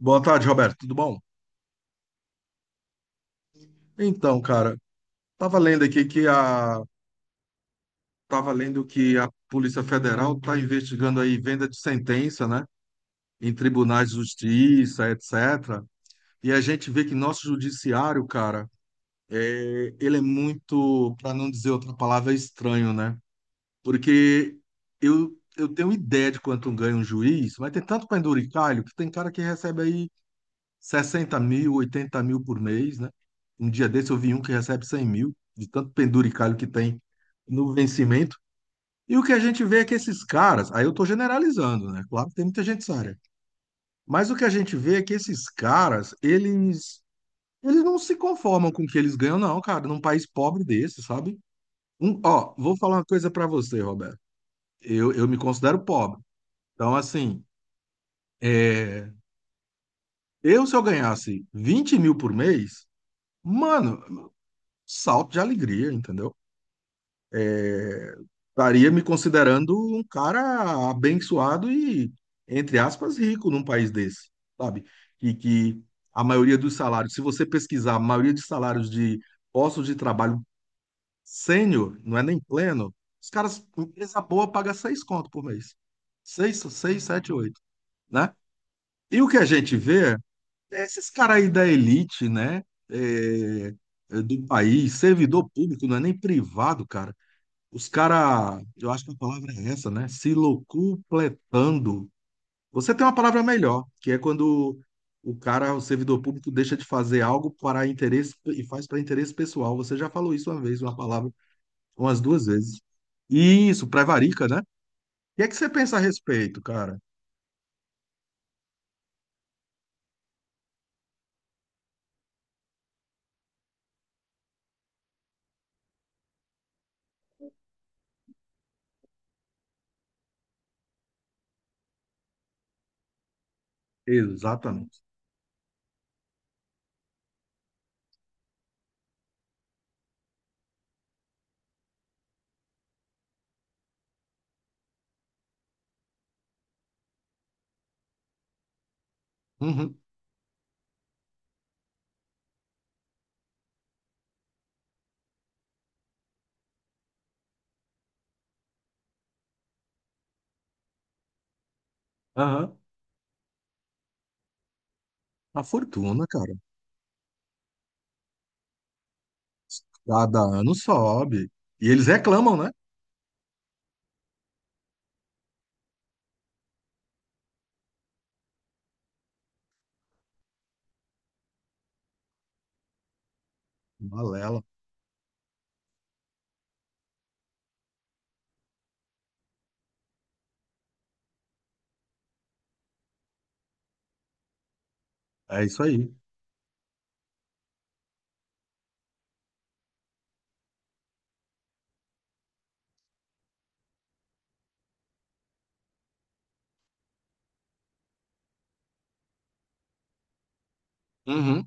Boa tarde, Roberto. Tudo bom? Então, cara, tava lendo aqui que a tava lendo que a Polícia Federal está investigando aí venda de sentença, né, em tribunais de justiça, etc. E a gente vê que nosso judiciário, cara, ele é muito, para não dizer outra palavra, estranho, né? Porque eu tenho ideia de quanto ganha um juiz, mas tem tanto penduricalho que tem cara que recebe aí 60 mil, 80 mil por mês, né? Um dia desse eu vi um que recebe 100 mil, de tanto penduricalho que tem no vencimento. E o que a gente vê é que esses caras, aí eu estou generalizando, né? Claro que tem muita gente séria, mas o que a gente vê é que esses caras, eles não se conformam com o que eles ganham, não, cara, num país pobre desse, sabe? Um, ó, vou falar uma coisa para você, Roberto. Eu me considero pobre. Então, assim, é, eu se eu ganhasse 20 mil por mês, mano, salto de alegria, entendeu? Estaria me considerando um cara abençoado e, entre aspas, rico num país desse, sabe? E que a maioria dos salários, se você pesquisar, a maioria dos salários de postos de trabalho sênior, não é nem pleno, os caras, empresa boa paga seis conto por mês. Seis, seis, sete, oito, né? E o que a gente vê é esses caras aí da elite, né? É, do país, servidor público, não é nem privado, cara. Os caras, eu acho que a palavra é essa, né? Se locupletando. Você tem uma palavra melhor, que é quando o cara, o servidor público, deixa de fazer algo para interesse e faz para interesse pessoal. Você já falou isso uma vez, uma palavra, umas duas vezes. Isso, prevarica, né? E é que você pensa a respeito, cara? Exatamente. Uhum, aham. A fortuna, cara, cada ano sobe. E eles reclamam, né? Balela. É isso aí. Uhum.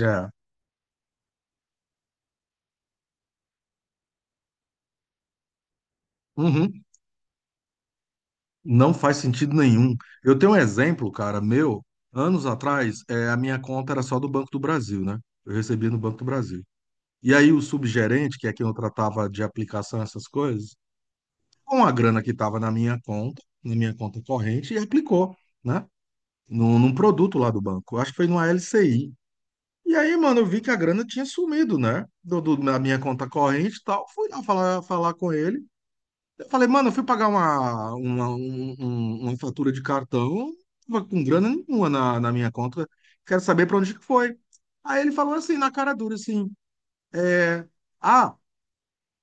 É. Uhum. Não faz sentido nenhum. Eu tenho um exemplo, cara, meu, anos atrás, a minha conta era só do Banco do Brasil, né? Eu recebia no Banco do Brasil. E aí o subgerente, que é quem eu tratava de aplicação, essas coisas, com a grana que estava na minha conta corrente, e aplicou, né? Num produto lá do banco. Acho que foi numa LCI. E aí, mano, eu vi que a grana tinha sumido, né? Da minha conta corrente e tal. Fui lá falar, falar com ele. Eu falei, mano, eu fui pagar uma fatura de cartão, tava com grana nenhuma na minha conta, quero saber para onde que foi. Aí ele falou assim, na cara dura, assim, é, ah,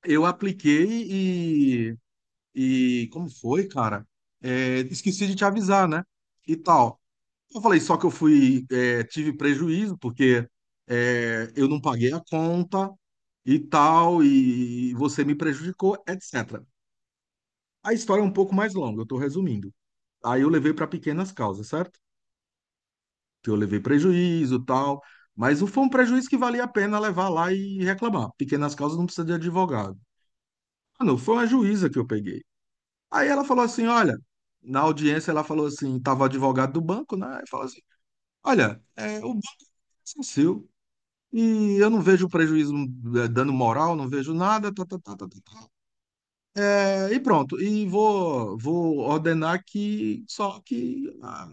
eu apliquei e, e como foi, cara? Esqueci de te avisar, né? E tal. Eu falei, só que eu fui, tive prejuízo, porque eu não paguei a conta e tal, e você me prejudicou, etc. A história é um pouco mais longa, eu estou resumindo. Aí eu levei para pequenas causas, certo? Que eu levei prejuízo, tal, mas o- foi um prejuízo que valia a pena levar lá e reclamar. Pequenas causas não precisa de advogado. Ah, não, foi uma juíza que eu peguei. Aí ela falou assim, olha, na audiência ela falou assim, tava o advogado do banco, né? Aí falou assim, olha, o banco é seu e eu não vejo prejuízo, dano moral, não vejo nada, tá, tá, tá, tá, tá, tá. É, e pronto, e vou, vou ordenar que só que a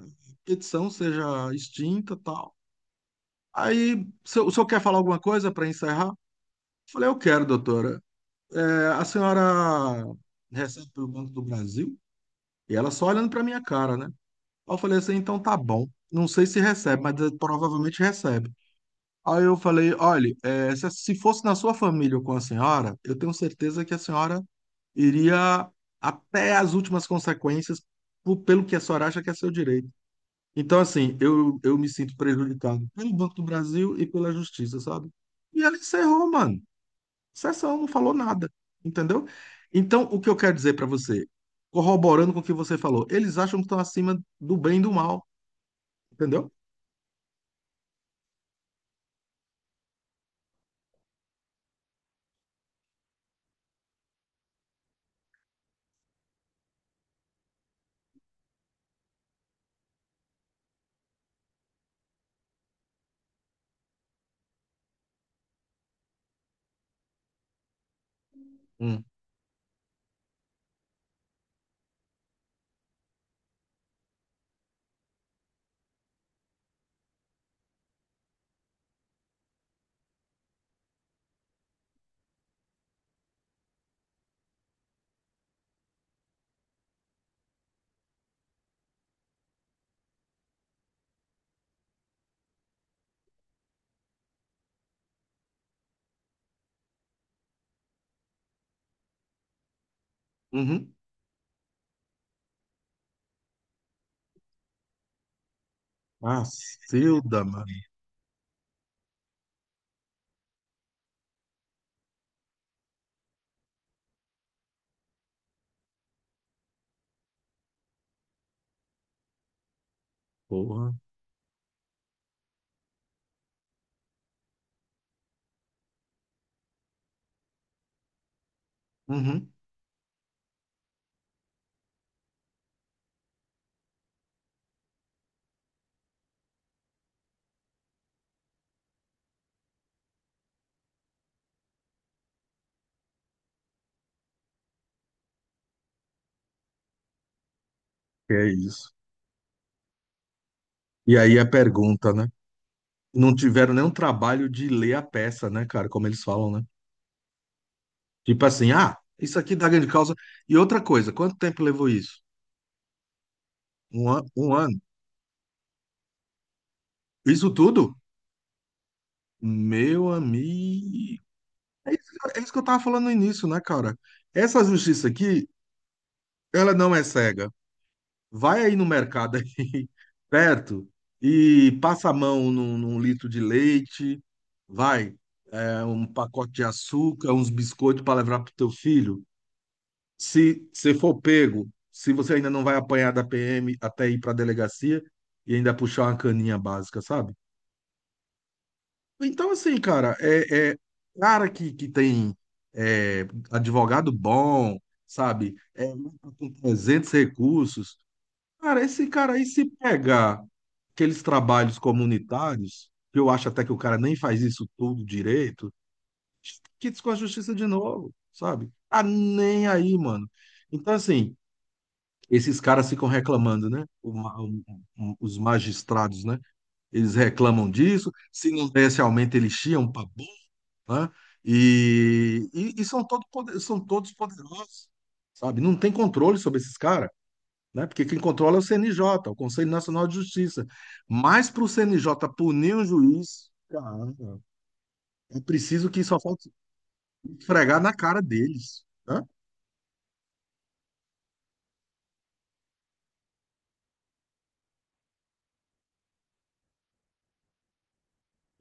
petição seja extinta, tal. Aí, o senhor quer falar alguma coisa para encerrar? Falei, eu quero, doutora. É, a senhora recebe pelo Banco do Brasil? E ela só olhando para minha cara, né? Aí eu falei assim, então tá bom. Não sei se recebe, mas provavelmente recebe. Aí eu falei, olha, se fosse na sua família ou com a senhora, eu tenho certeza que a senhora iria até as últimas consequências pelo que a senhora acha que é seu direito. Então, assim, eu me sinto prejudicado pelo Banco do Brasil e pela Justiça, sabe? E ela encerrou, mano. Sessão, não falou nada, entendeu? Então, o que eu quero dizer para você, corroborando com o que você falou, eles acham que estão acima do bem e do mal, entendeu? Hum. Uhum. Macilda, mano. Porra. Uhum. É isso. E aí a pergunta, né? Não tiveram nenhum trabalho de ler a peça, né, cara? Como eles falam, né? Tipo assim, ah, isso aqui dá grande causa. E outra coisa, quanto tempo levou isso? Um ano, um ano. Isso tudo? Meu amigo. É isso, é isso que eu tava falando no início, né, cara? Essa justiça aqui, ela não é cega. Vai aí no mercado aí, perto, e passa a mão num, num litro de leite, vai, um pacote de açúcar, uns biscoitos para levar pro teu filho. Se você for pego, se você ainda não vai apanhar da PM até ir pra delegacia e ainda puxar uma caninha básica, sabe? Então, assim, cara, cara que tem, é, advogado bom, sabe? Com 300 recursos. Cara, esse cara aí, se pegar aqueles trabalhos comunitários, que eu acho até que o cara nem faz isso tudo direito, quites com a justiça de novo, sabe? Tá nem aí, mano. Então, assim, esses caras ficam reclamando, né? O ma- o- os magistrados, né? Eles reclamam disso. Se não desse aumento, eles chiam pra né? E são, são todos poderosos, sabe? Não tem controle sobre esses caras, né? Porque quem controla é o CNJ, o Conselho Nacional de Justiça. Mas para o CNJ punir um juiz, cara, é preciso que só falte esfregar na cara deles, né?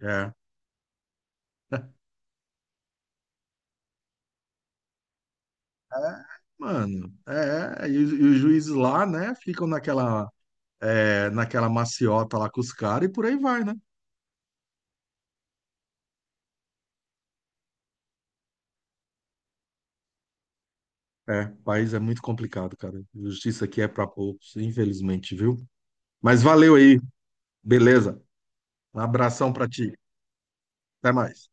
É. É, mano, e, os juízes lá, né, ficam naquela, naquela maciota lá com os caras e por aí vai, né? É, o país é muito complicado, cara. Justiça aqui é pra poucos, infelizmente, viu? Mas valeu aí, beleza? Um abração pra ti. Até mais.